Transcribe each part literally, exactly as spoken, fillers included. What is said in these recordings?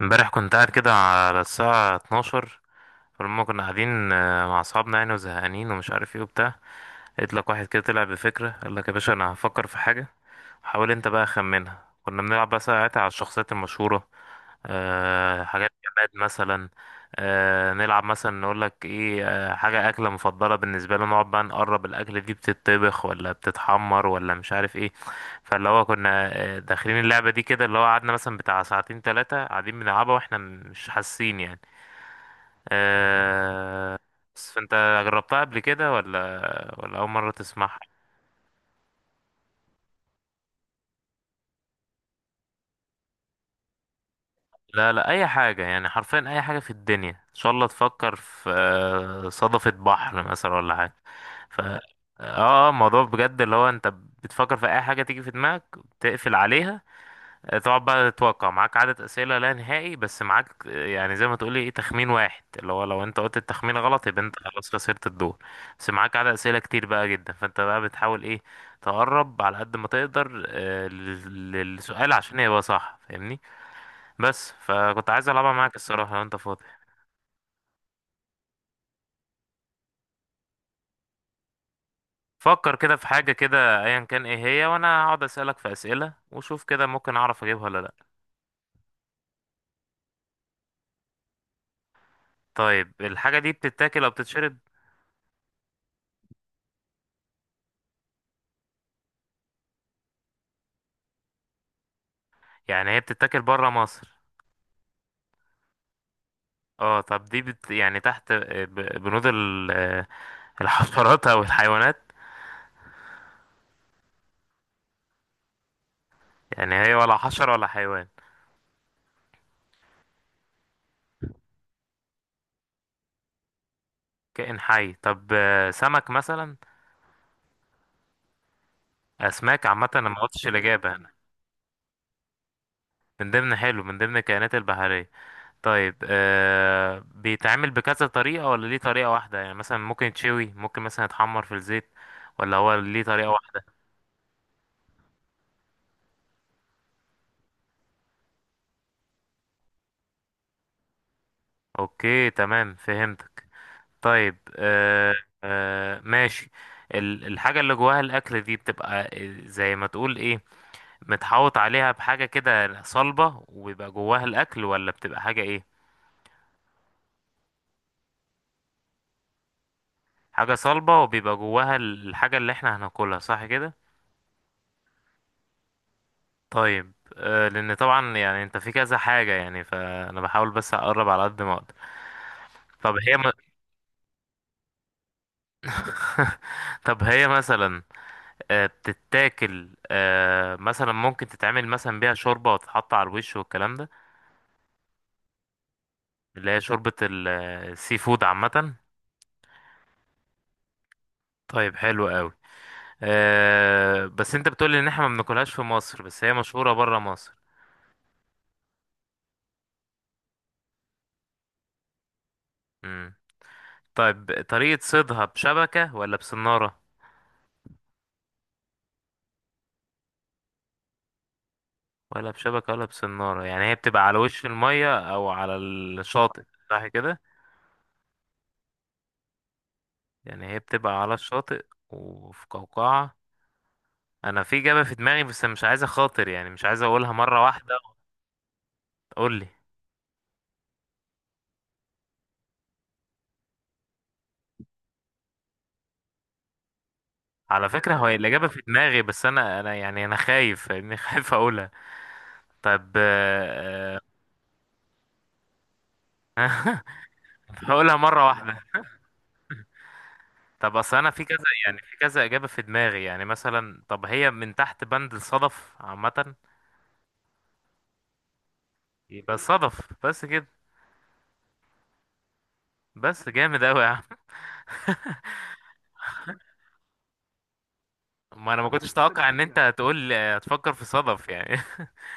امبارح كنت قاعد كده على الساعة اتناشر. فلما كنا قاعدين آه، مع أصحابنا يعني وزهقانين ومش عارف ايه وبتاع، لقيت لك واحد كده طلع بفكرة، قال لك يا باشا أنا هفكر في حاجة، حاول انت بقى خمنها. كنا بنلعب بقى ساعتها على الشخصيات المشهورة. أه، حاجات جماد مثلا. أه نلعب مثلا، نقول لك ايه، أه حاجة أكلة مفضلة بالنسبة لنا، نقعد بقى نقرب الأكلة دي بتتطبخ ولا بتتحمر ولا مش عارف ايه. فاللي هو كنا آه، داخلين اللعبة دي كده، اللي هو قعدنا مثلا بتاع ساعتين تلاتة قاعدين بنلعبها واحنا مش حاسين يعني. أه. بس فانت جربتها قبل كده ولا، ولا أول مرة تسمعها؟ لا لا، اي حاجة، يعني حرفيا اي حاجة في الدنيا ان شاء الله تفكر في آه، صدفة بحر مثلا ولا حاجة. ف اه آه، الموضوع بجد اللي هو انت بتفكر في اي حاجة تيجي في دماغك تقفل عليها. آه، تقعد بقى تتوقع، معاك عدد اسئلة لا نهائي، بس معاك آه، يعني زي ما تقولي ايه تخمين واحد، اللي هو لو انت قلت التخمين غلط يبقى انت خلاص خسرت الدور. بس معاك عدد اسئلة كتير بقى جدا، فانت بقى بتحاول ايه، تقرب على قد ما تقدر آه، لل- للسؤال عشان يبقى صح فاهمني. بس فكنت عايز العبها معاك الصراحه لو انت فاضي. فكر كده في حاجه كده ايا كان ايه هي، وانا هقعد اسالك في اسئله وشوف كده ممكن اعرف اجيبها ولا لا. طيب الحاجه دي بتتاكل او بتتشرب؟ يعني هي بتتاكل بره مصر؟ اه، طب دي بت... يعني تحت، آه، ب- بنود ال... آه، الحشرات او الحيوانات؟ يعني هي ولا حشره ولا حيوان؟ كائن حي. طب آه، سمك مثلا؟ اسماك عامه، انا ما قلتش الاجابه هنا. من ضمن، حلو، من ضمن الكائنات البحريه. طيب آه بيتعمل بكذا طريقة ولا ليه طريقة واحدة؟ يعني مثلا ممكن يتشوي، ممكن مثلا يتحمر في الزيت، ولا هو ليه طريقة واحدة؟ اوكي، تمام، فهمتك. طيب آه آه، ماشي. ال- الحاجة اللي جواها الأكل دي بتبقى آه، زي ما تقول ايه، متحوط عليها بحاجة كده صلبة وبيبقى جواها الأكل، ولا بتبقى حاجة ايه؟ حاجة صلبة، وبيبقى جواها الحاجة اللي احنا هناكلها، صح كده؟ طيب آه، لان طبعا يعني انت في كذا حاجة، يعني فانا بحاول بس اقرب على قد ما اقدر. طب هي م... طب هي مثلا، آه، بتتاكل، آه، مثلا ممكن تتعمل مثلا بيها شوربة وتتحط على الوش والكلام ده؟ اللي هي شوربة ال- آه، السي فود عامة. طيب حلو قوي. آه، بس انت بتقولي ان احنا ما بناكلهاش في مصر، بس هي مشهورة برا مصر. مم. طيب طريقة صيدها بشبكة ولا بصنارة؟ ولا بشبكة ولا بسنارة، يعني هي بتبقى على وش المية أو على الشاطئ، صح كده؟ يعني هي بتبقى على الشاطئ وفي قوقعة. أنا في إجابة في دماغي بس مش عايز أخاطر، يعني مش عايز أقولها مرة واحدة. قول لي. على فكرة، هو الإجابة في دماغي، بس أنا أنا يعني أنا خايف فاهمني، خايف أقولها. طب، آه، آه، هقولها مرة واحدة. طب أصل أنا في كذا، يعني في كذا إجابة في دماغي، يعني مثلا، طب هي من تحت بند الصدف عامة؟ يبقى الصدف بس كده؟ بس جامد أوي يا عم. ما انا ما انت كنتش بتكسب، اتوقع ان الفكره انت هتقول هتفكر في صدف يعني.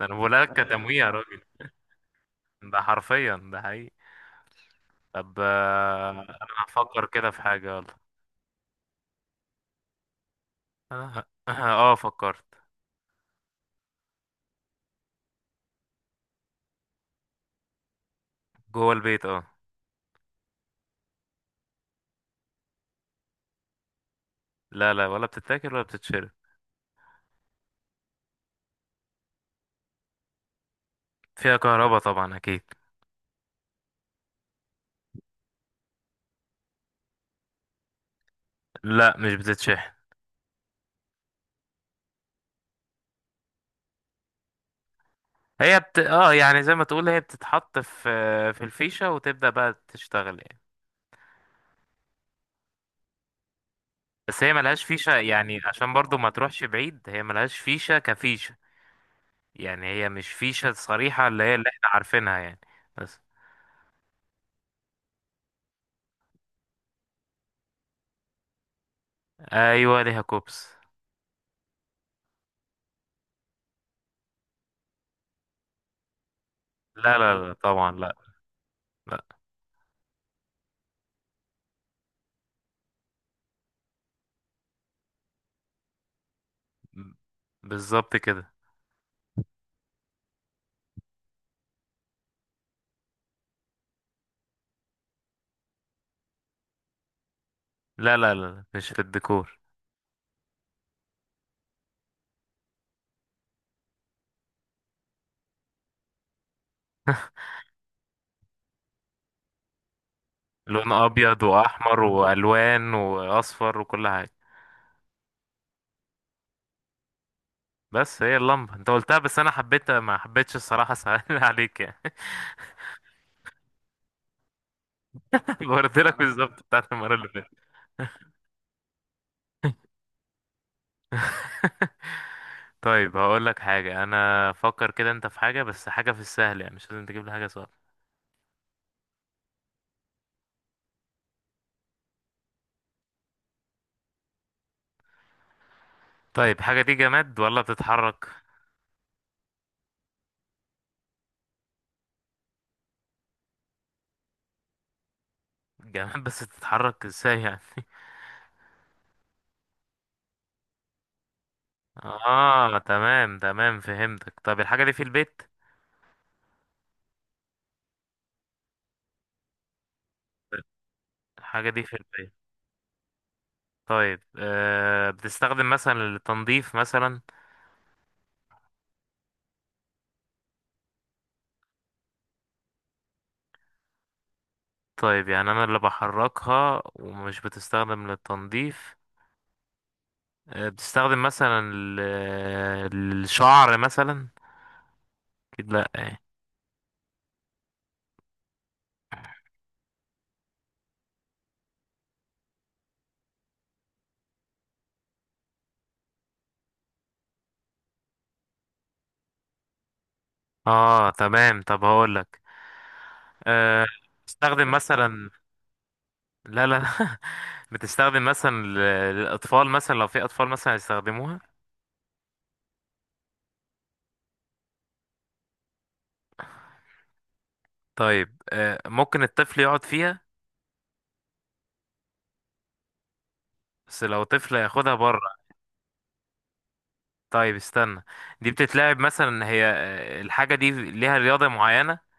ده انا بقول لك كتمويه يا راجل. ده حرفيا ده حقيقي. طب آه، انا هفكر كده في حاجه، يلا. اه. آه، فكرت. جوه البيت، اه. لا لا، ولا بتتاكل ولا بتتشرب. فيها كهرباء طبعا اكيد. لا، مش بتتشحن. هي بت... اه، يعني زي ما تقول هي بتتحط في في الفيشه وتبدا بقى تشتغل يعني. بس هي ملهاش فيشه، يعني عشان برضو ما تروحش بعيد، هي ملهاش فيشه كفيشه. يعني هي مش فيشة صريحة اللي هي اللي احنا عارفينها يعني. بس. ايوه، ليها كوبس. لا لا لا، طبعا لا. لا. بالظبط كده. لا لا لا لا، مش في الديكور. لون ابيض واحمر والوان واصفر وكل حاجة. بس هي اللمبة انت قلتها، بس انا حبيتها ما حبيتش الصراحة، سهل عليك يعني. قلت لك بالظبط بتاعت المرة اللي فاتت. طيب هقول لك حاجة، انا فكر كده انت في حاجة، بس حاجة في السهل يعني، مش لازم تجيب لي حاجة صعبة. طيب حاجة دي جماد ولا بتتحرك؟ جمال بس تتحرك ازاي يعني؟ اه، تمام تمام فهمتك. طب الحاجة دي في البيت؟ الحاجة دي في البيت. طيب آه بتستخدم مثلا للتنظيف مثلا؟ طيب يعني انا اللي بحركها ومش بتستخدم للتنظيف. آه بتستخدم مثلا ل- للشعر مثلا؟ اكيد لا يعني. اه، تمام. طب هقول لك. آه بتستخدم مثلا، لا لا، بتستخدم مثلا ل- للاطفال مثلا، لو في اطفال مثلا يستخدموها؟ طيب آه، ممكن الطفل يقعد فيها؟ بس لو طفل ياخدها بره. طيب استنى. دي بتتلعب مثلا، هي آه، الحاجة دي ليها رياضة معينة؟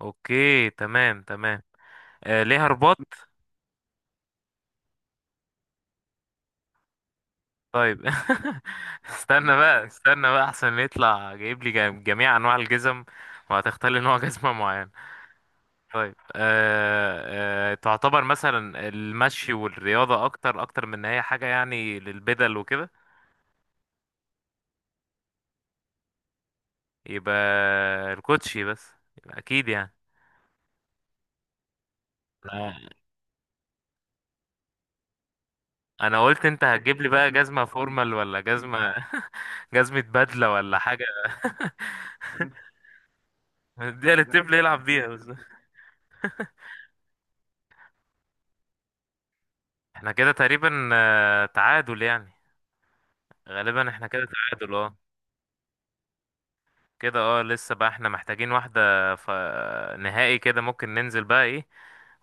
اوكي، تمام تمام. آه، ليها رباط. طيب استنى بقى استنى بقى، احسن يطلع جايب لي جم- جميع انواع الجزم، وهتختار لي نوع جزمة معين. طيب أه أه تعتبر مثلا المشي والرياضة اكتر اكتر من ان هي حاجة يعني للبدل وكده؟ يبقى الكوتشي بس؟ يبقى اكيد يعني. انا أنا قلت انت هتجيب لي بقى جزمه فورمال ولا جزمه جزمه بدله ولا حاجه. دي الطفل يلعب بيها بس. احنا كده تقريبا آه، تعادل يعني. غالبا احنا كده تعادل، اه. كده، اه. لسه بقى احنا محتاجين واحده. ف... نهائي كده ممكن ننزل بقى ايه،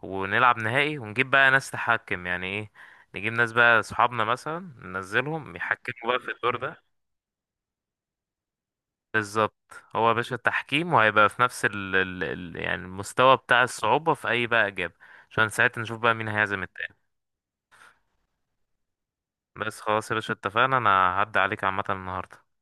ونلعب نهائي ونجيب بقى ناس تحكم، يعني ايه، نجيب ناس بقى اصحابنا مثلا ننزلهم يحكموا بقى في الدور ده. بالظبط هو يا باشا التحكيم، وهيبقى في نفس ال ال ال يعني المستوى بتاع الصعوبة في أي بقى إجابة، عشان ساعتها نشوف بقى مين هيعزم التاني. بس، خلاص يا باشا، اتفقنا. أنا هعدي عليك عامة النهاردة.